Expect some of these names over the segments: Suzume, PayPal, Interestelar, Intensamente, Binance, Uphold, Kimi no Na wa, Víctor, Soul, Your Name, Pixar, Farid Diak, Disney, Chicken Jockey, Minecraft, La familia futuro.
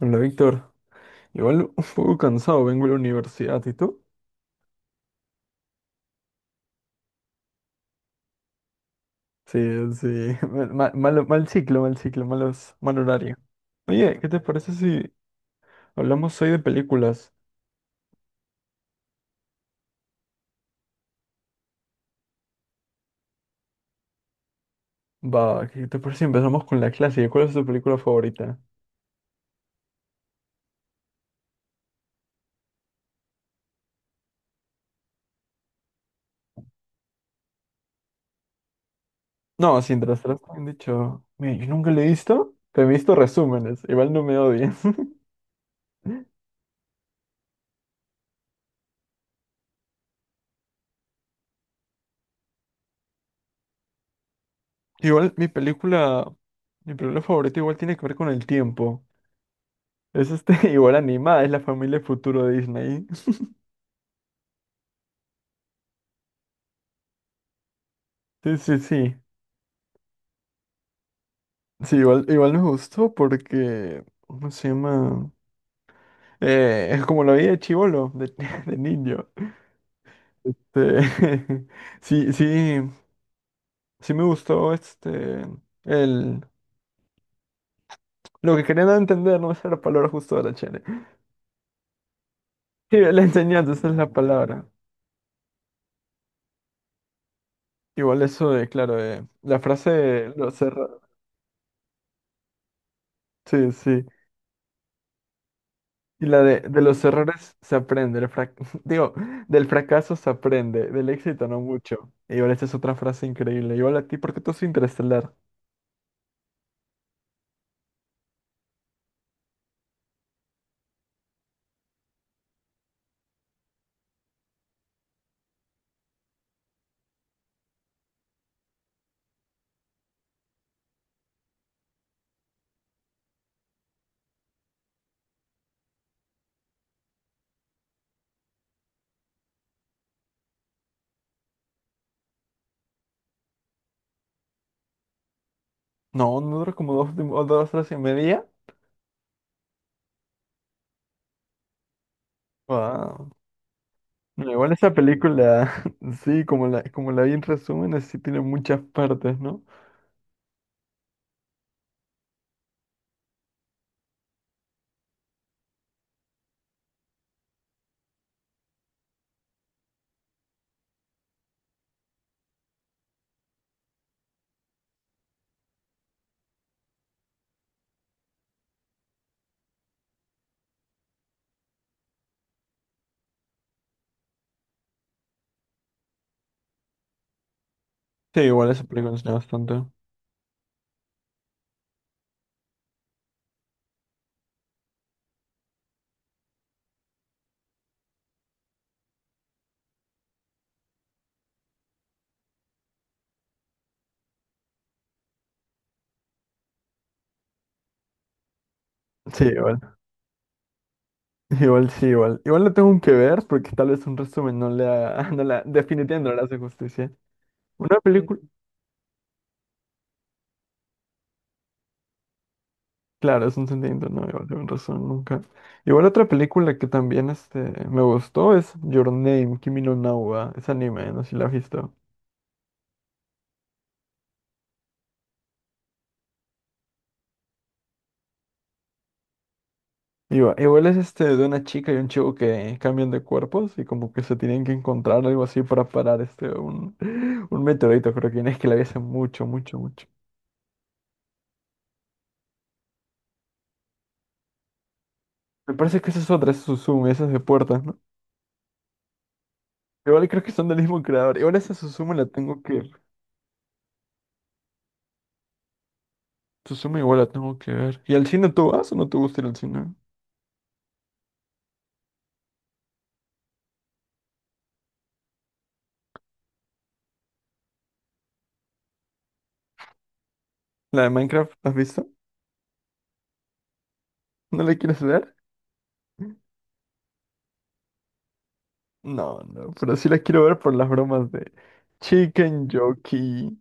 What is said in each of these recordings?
Hola, Víctor. Igual un poco cansado, vengo a la universidad, ¿y tú? Sí, sí. Mal, mal ciclo, malos, mal horario. Oye, ¿qué te parece si hablamos hoy de películas? Va, ¿qué te parece si empezamos con la clásica? ¿Cuál es tu película favorita? No, sin trastras, me han dicho. Mira, yo nunca la he visto, pero he visto resúmenes. Igual no me odies. Igual mi película favorita igual tiene que ver con el tiempo. Es igual animada, es La familia futuro de Disney. Sí, sí, sí. Sí, igual me gustó porque, ¿cómo se llama? Es como la vida de chibolo, de niño. Este, sí, sí, sí me gustó el, lo que querían entender, no es la palabra justo de la chele. Sí, la enseñanza, esa es la palabra. Igual eso claro, la frase, lo cerra- Sí, sí. Y la de los errores se aprende, digo, del fracaso se aprende, del éxito no mucho. Y igual esta es otra frase increíble. Igual a ti, ¿por qué tú es Interestelar? No, no dura como dos, o 2 horas y media. Wow. No, igual esa película, sí, como la vi en resúmenes, sí tiene muchas partes, ¿no? Sí, igual esa película enseña bastante. Sí, igual. Igual, sí, igual. Igual lo tengo que ver porque tal vez un resumen no le haga, definitivamente no le hace justicia. Una película. Claro, es un sentimiento, no, igual tienen razón, nunca. Igual otra película que también me gustó es Your Name, Kimi no Na wa, es anime, no sé si la has visto. Igual, igual es este de una chica y un chico que cambian de cuerpos y como que se tienen que encontrar algo así para parar un meteorito, creo que no, es que la vi hace mucho, mucho, mucho. Me parece que esa es otra, esa es Suzume, esa es de puertas, ¿no? Igual creo que son del mismo creador. Igual esa Suzume la tengo que... ver. Suzume igual la tengo que ver. ¿Y al cine tú vas o no te gusta ir al cine? ¿La de Minecraft, la has visto? ¿No la quieres ver? No, no, pero sí la quiero ver por las bromas de Chicken Jockey.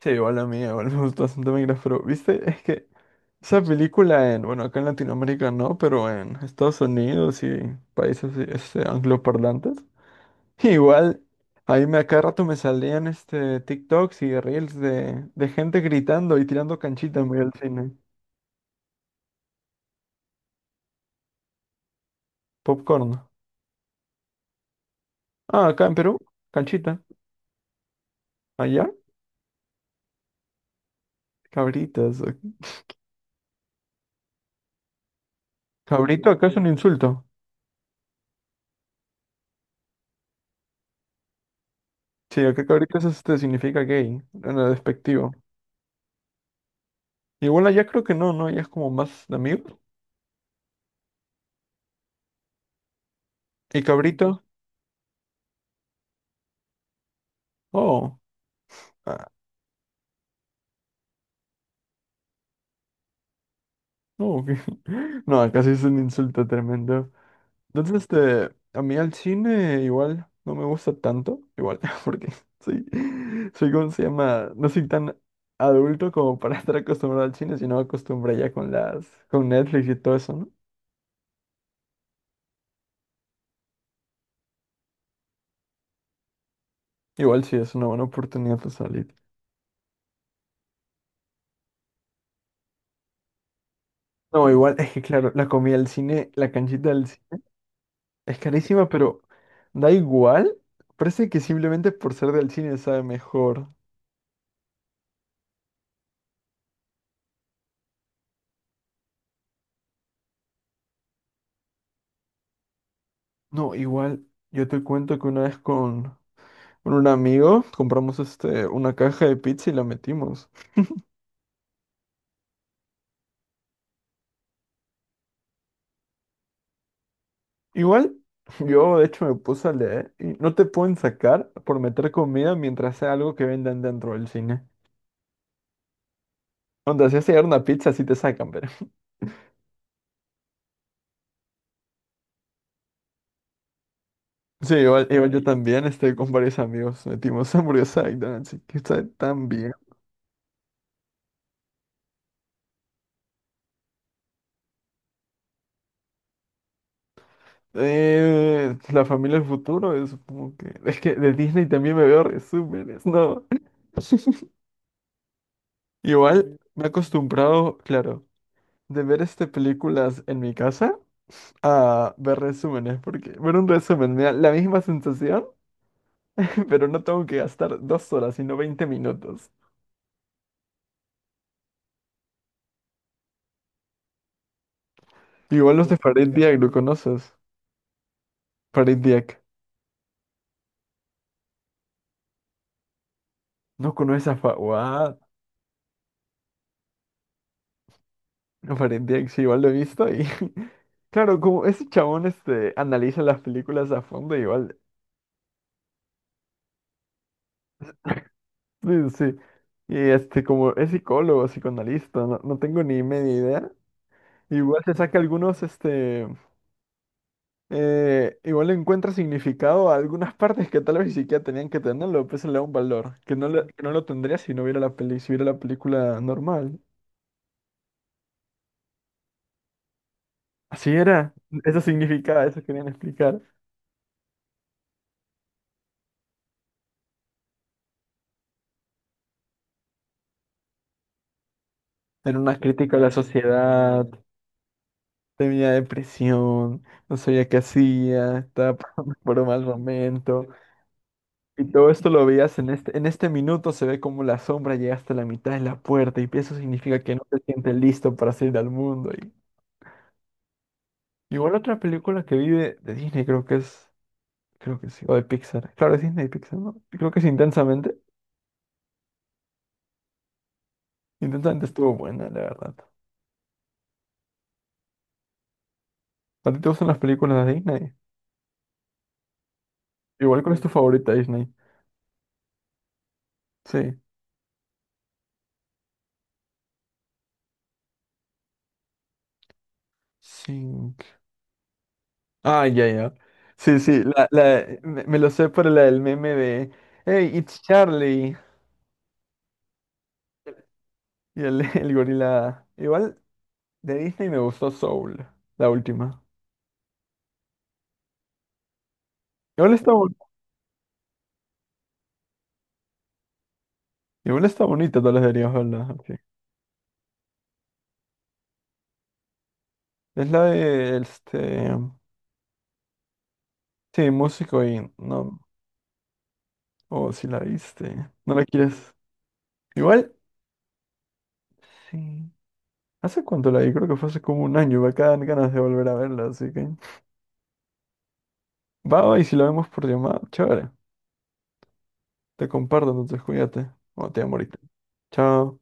Sí, igual a mí, igual me gusta bastante Minecraft, pero viste, es que esa película en, bueno, acá en Latinoamérica no, pero en Estados Unidos y países angloparlantes, igual ahí me a cada rato me salían este TikToks y reels de gente gritando y tirando canchita en medio del cine. Popcorn. Ah, acá en Perú, canchita. Allá, cabritas. Cabrito acá es un insulto. Sí, yo creo que ahorita eso este, significa gay, en el despectivo. Igual allá creo que no, ¿no? Ya es como más de amigos. ¿Y cabrito? Oh, ah, no, ok. No, acá sí es un insulto tremendo. Entonces, a mí al cine igual no me gusta tanto, igual, porque soy, soy, ¿cómo se llama? No soy tan adulto como para estar acostumbrado al cine, sino acostumbré ya con con Netflix y todo eso, ¿no? Igual sí es una buena oportunidad para salir. No, igual, es que claro, la comida del cine, la canchita del cine. Es carísima, pero da igual. Parece que simplemente por ser del cine sabe mejor. No, igual, yo te cuento que una vez con un amigo compramos este, una caja de pizza y la metimos. Igual, yo de hecho me puse a leer y no te pueden sacar por meter comida mientras sea algo que vendan dentro del cine. Onda, si hace una pizza, sí te sacan, pero. Sí, igual, igual yo también, este, con varios amigos metimos hamburguesa y donuts y que está tan bien. La familia del futuro, supongo que. Es que de Disney también me veo resúmenes, ¿no? Igual sí. Me he acostumbrado, claro, de ver este películas en mi casa a ver resúmenes, porque ver un resumen me da la misma sensación, pero no tengo que gastar 2 horas, sino 20 minutos. Igual los de Uf, Farid Diak, ¿lo conoces? Farid Diak. ¿No conoces a Fa... What? No, Farid Diak, sí, igual lo he visto y... Claro, como ese chabón este, analiza las películas a fondo, igual sí, sí. Y este, como es psicólogo, psicoanalista, no, no tengo ni media idea. Igual se saca algunos, igual le encuentra significado a algunas partes que tal vez ni siquiera tenían que tenerlo, pues se le da un valor, que no, que no lo tendría si no viera la peli, si viera la película normal. Así era, eso significaba, eso querían explicar. Era una crítica a la sociedad, tenía depresión, no sabía qué hacía, estaba pasando por un mal momento. Y todo esto lo veías en en este minuto, se ve como la sombra llega hasta la mitad de la puerta y eso significa que no te sientes listo para salir al mundo. Y igual otra película que vi de Disney, creo que es, creo que sí, o de Pixar. Claro, es Disney y Pixar, ¿no? Creo que es Intensamente. Intensamente estuvo buena, la verdad. ¿A ti te gustan las películas de Disney? Igual, ¿cuál es tu favorita Disney? Sí. Sink. Ah, ya, ya. Sí, sí, me lo sé por la del meme de Hey, it's Charlie. Y el, el gorila. Igual de Disney me gustó Soul, la última. Igual está, igual está bonita, tal vez deberías verla. Sí. Es la de, sí, músico y no, o si la viste, no la quieres. Igual, sí. ¿Hace cuánto la vi? Creo que fue hace como un año, me quedan ganas de volver a verla, así que... Va, va, y si la vemos por llamada, chévere. Te comparto, entonces cuídate. O te amo ahorita. Chao.